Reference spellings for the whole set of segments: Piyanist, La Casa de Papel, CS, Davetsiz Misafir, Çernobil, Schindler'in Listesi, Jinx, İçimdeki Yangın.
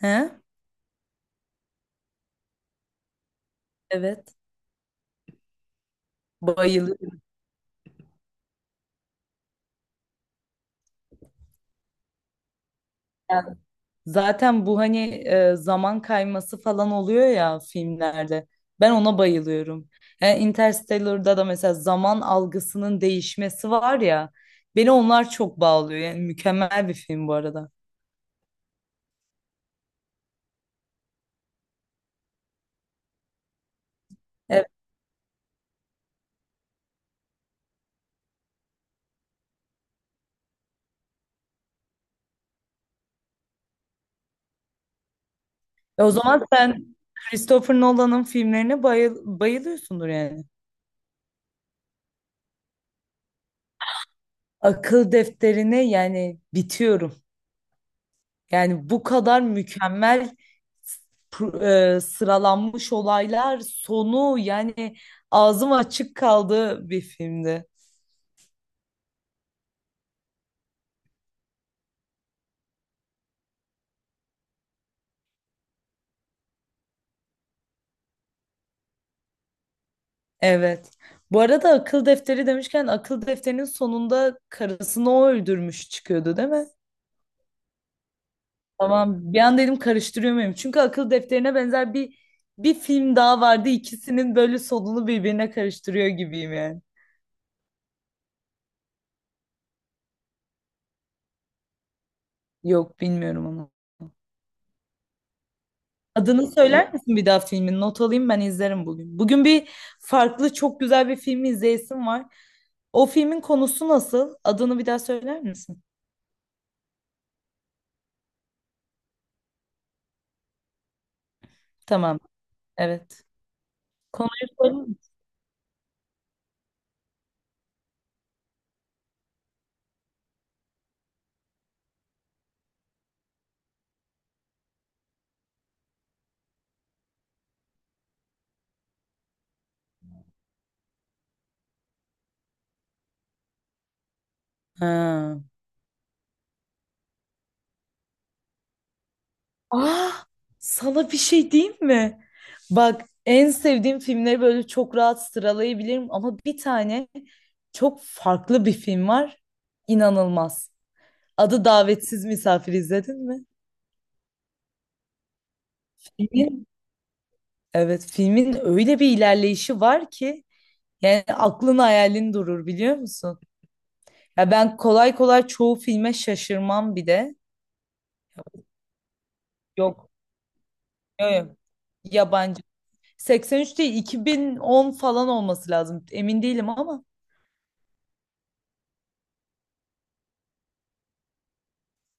He? Evet. Bayılıyorum. Yani zaten bu hani zaman kayması falan oluyor ya filmlerde. Ben ona bayılıyorum. Yani Interstellar'da da mesela zaman algısının değişmesi var ya. Beni onlar çok bağlıyor. Yani mükemmel bir film bu arada. Evet. O zaman sen Christopher Nolan'ın filmlerine bayılıyorsundur yani. Akıl defterine yani bitiyorum. Yani bu kadar mükemmel sıralanmış olaylar sonu yani ağzım açık kaldı bir filmdi. Evet. Bu arada akıl defteri demişken akıl defterinin sonunda karısını o öldürmüş çıkıyordu değil mi? Tamam, bir an dedim karıştırıyor muyum? Çünkü akıl defterine benzer bir film daha vardı. İkisinin böyle sonunu birbirine karıştırıyor gibiyim yani. Yok, bilmiyorum onu. Adını söyler misin bir daha filmin? Not alayım, ben izlerim bugün. Bugün bir farklı çok güzel bir film izleyesim var. O filmin konusu nasıl? Adını bir daha söyler misin? Tamam. Evet. Konuyu söyler misin? Ha. Ah, sana bir şey diyeyim mi? Bak, en sevdiğim filmleri böyle çok rahat sıralayabilirim ama bir tane çok farklı bir film var. İnanılmaz. Adı Davetsiz Misafir, izledin mi? Filmin, evet filmin öyle bir ilerleyişi var ki. Yani aklın hayalin durur, biliyor musun? Ya ben kolay kolay çoğu filme şaşırmam bir de. Yok. Yok. Yok. Yabancı. 83 değil, 2010 falan olması lazım. Emin değilim ama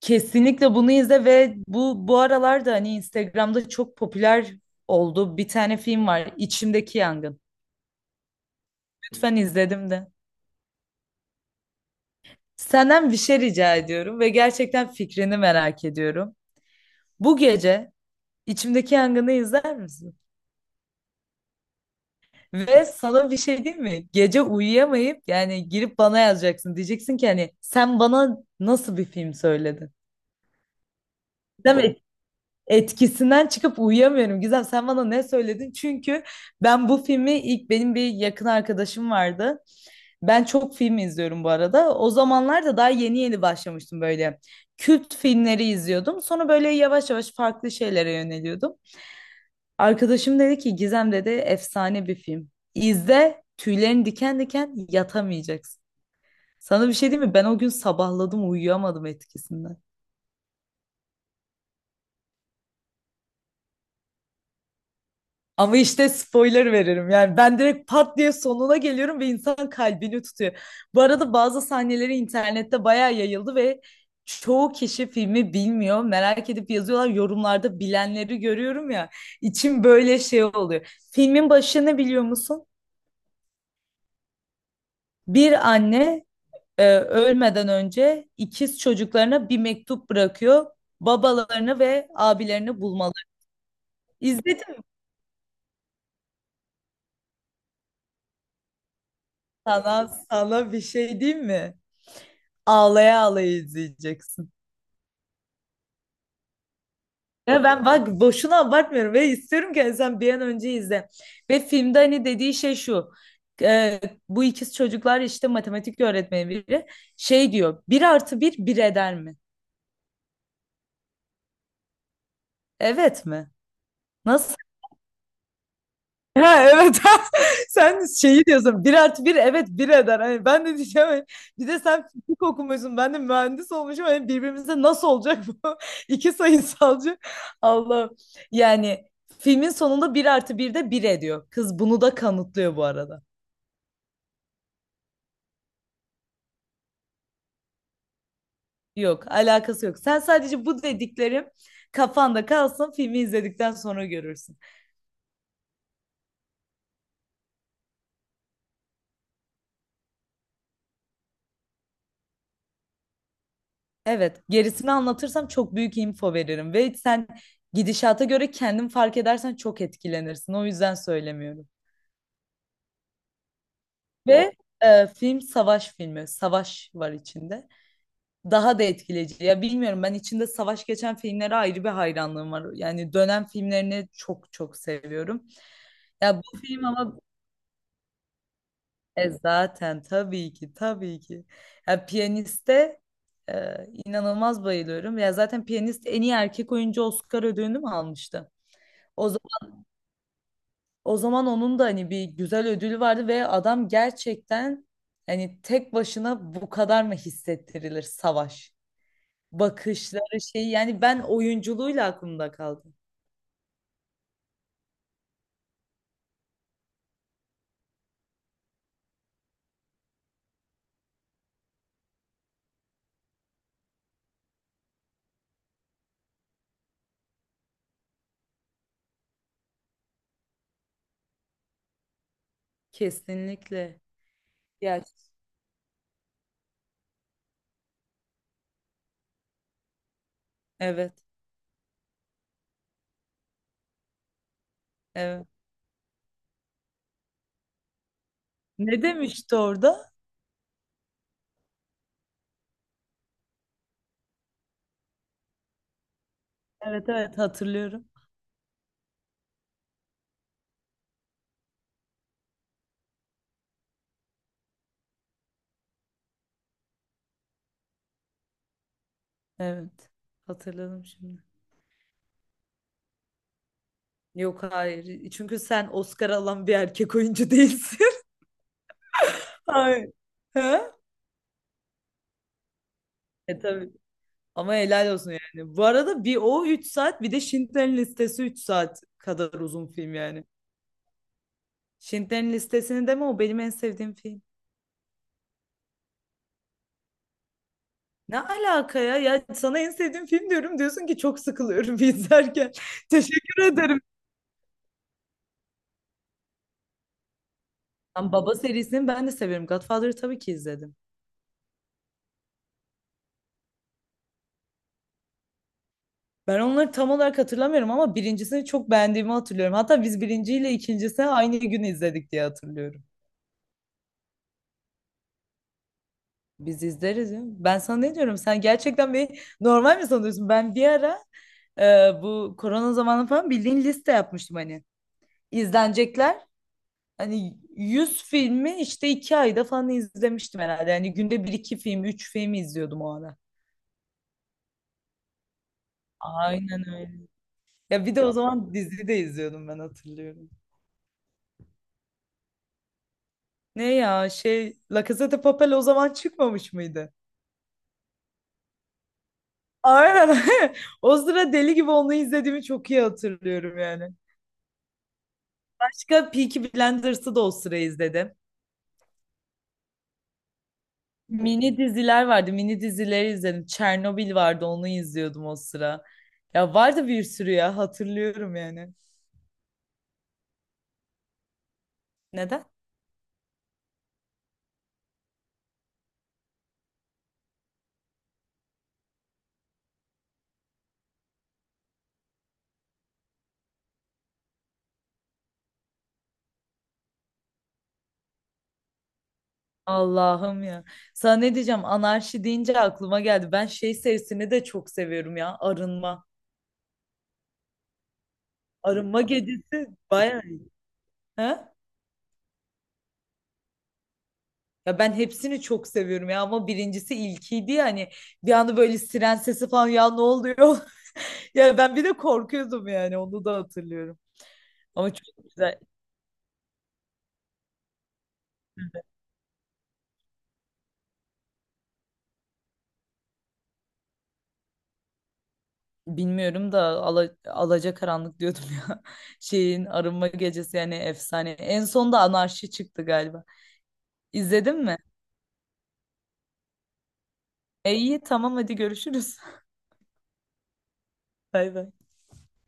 kesinlikle bunu izle. Ve bu bu aralarda hani Instagram'da çok popüler oldu. Bir tane film var. İçimdeki Yangın. Lütfen, izledim de. Senden bir şey rica ediyorum ve gerçekten fikrini merak ediyorum. Bu gece İçimdeki Yangın'ı izler misin? Ve sana bir şey diyeyim mi? Gece uyuyamayıp yani girip bana yazacaksın. Diyeceksin ki hani sen bana nasıl bir film söyledin? Değil mi? Etkisinden çıkıp uyuyamıyorum. Gizem, sen bana ne söyledin? Çünkü ben bu filmi ilk, benim bir yakın arkadaşım vardı. Ben çok film izliyorum bu arada. O zamanlar da daha yeni yeni başlamıştım böyle. Kült filmleri izliyordum. Sonra böyle yavaş yavaş farklı şeylere yöneliyordum. Arkadaşım dedi ki, Gizem dedi, efsane bir film. İzle, tüylerin diken diken, yatamayacaksın. Sana bir şey diyeyim mi? Ben o gün sabahladım, uyuyamadım etkisinden. Ama işte spoiler veririm yani, ben direkt pat diye sonuna geliyorum ve insan kalbini tutuyor. Bu arada bazı sahneleri internette bayağı yayıldı ve çoğu kişi filmi bilmiyor. Merak edip yazıyorlar yorumlarda, bilenleri görüyorum ya. İçim böyle şey oluyor. Filmin başını biliyor musun? Bir anne ölmeden önce ikiz çocuklarına bir mektup bırakıyor. Babalarını ve abilerini bulmalı. İzledim. Sana bir şey diyeyim mi? Ağlaya ağlaya izleyeceksin. Ya ben bak boşuna abartmıyorum ve istiyorum ki sen bir an önce izle. Ve filmde hani dediği şey şu. e, Bu ikiz çocuklar işte, matematik öğretmeni biri şey diyor. Bir artı bir bir eder mi? Evet mi? Nasıl? Ha, evet. Sen şeyi diyorsun, bir artı bir evet bir eder, hani ben de diyeceğim hani, bir de sen fizik okumuşsun, ben de mühendis olmuşum, hani birbirimize nasıl olacak bu? iki sayısalcı. Allah. Yani filmin sonunda bir artı bir de bir ediyor, kız bunu da kanıtlıyor bu arada. Yok, alakası yok, sen sadece bu dediklerim kafanda kalsın, filmi izledikten sonra görürsün. Evet, gerisini anlatırsam çok büyük info veririm ve sen gidişata göre kendin fark edersen çok etkilenirsin. O yüzden söylemiyorum. Ve film savaş filmi, savaş var içinde. Daha da etkileyici. Ya bilmiyorum, ben içinde savaş geçen filmlere ayrı bir hayranlığım var. Yani dönem filmlerini çok çok seviyorum. Ya bu film ama zaten tabii ki tabii ki. Ya Piyanist'e e, inanılmaz bayılıyorum. Ya zaten Piyanist en iyi erkek oyuncu Oscar ödülünü mü almıştı? O O zaman onun da hani bir güzel ödülü vardı ve adam gerçekten hani tek başına bu kadar mı hissettirilir savaş? Bakışları şey, yani ben oyunculuğuyla aklımda kaldı. Kesinlikle. Ya, evet evet. Ne demişti orada? Evet evet, hatırlıyorum. Evet. Hatırladım şimdi. Yok, hayır. Çünkü sen Oscar alan bir erkek oyuncu değilsin. Hayır. Ha. E, tabii. Ama helal olsun yani. Bu arada bir o 3 saat, bir de Schindler'in Listesi 3 saat kadar uzun film yani. Schindler'in Listesi'ni deme, o benim en sevdiğim film. Ne alaka ya? Ya sana en sevdiğim film diyorum, diyorsun ki çok sıkılıyorum izlerken. Teşekkür ederim. Lan, Baba serisini ben de severim. Godfather'ı tabii ki izledim. Ben onları tam olarak hatırlamıyorum ama birincisini çok beğendiğimi hatırlıyorum. Hatta biz birinciyle ikincisini aynı gün izledik diye hatırlıyorum. Biz izleriz ya. Ben sana ne diyorum? Sen gerçekten bir, normal mi sanıyorsun? Ben bir ara, bu korona zamanı falan bildiğin liste yapmıştım hani. İzlenecekler. Hani 100 filmi işte 2 ayda falan izlemiştim herhalde. Yani günde bir iki film, 3 film izliyordum o ara. Aynen öyle. Ya bir de o zaman dizi de izliyordum ben, hatırlıyorum. Ne ya, şey, La Casa de Papel o zaman çıkmamış mıydı? Aynen. O sıra deli gibi onu izlediğimi çok iyi hatırlıyorum yani. Başka Peaky Blinders'ı da o sıra izledim. Mini diziler vardı. Mini dizileri izledim. Çernobil vardı. Onu izliyordum o sıra. Ya vardı bir sürü ya. Hatırlıyorum yani. Neden? Allah'ım ya. Sana ne diyeceğim? Anarşi deyince aklıma geldi. Ben şey serisini de çok seviyorum ya. Arınma. Arınma gecesi bayağı iyi. Ha? Ya ben hepsini çok seviyorum ya ama birincisi ilkiydi ya, hani bir anda böyle siren sesi falan, ya ne oluyor? Ya ben bir de korkuyordum, yani onu da hatırlıyorum. Ama çok güzel. Bilmiyorum da ala, alacakaranlık diyordum ya. Şeyin arınma gecesi yani efsane. En son da anarşi çıktı galiba. İzledin mi? E iyi, tamam, hadi görüşürüz. Bay bay.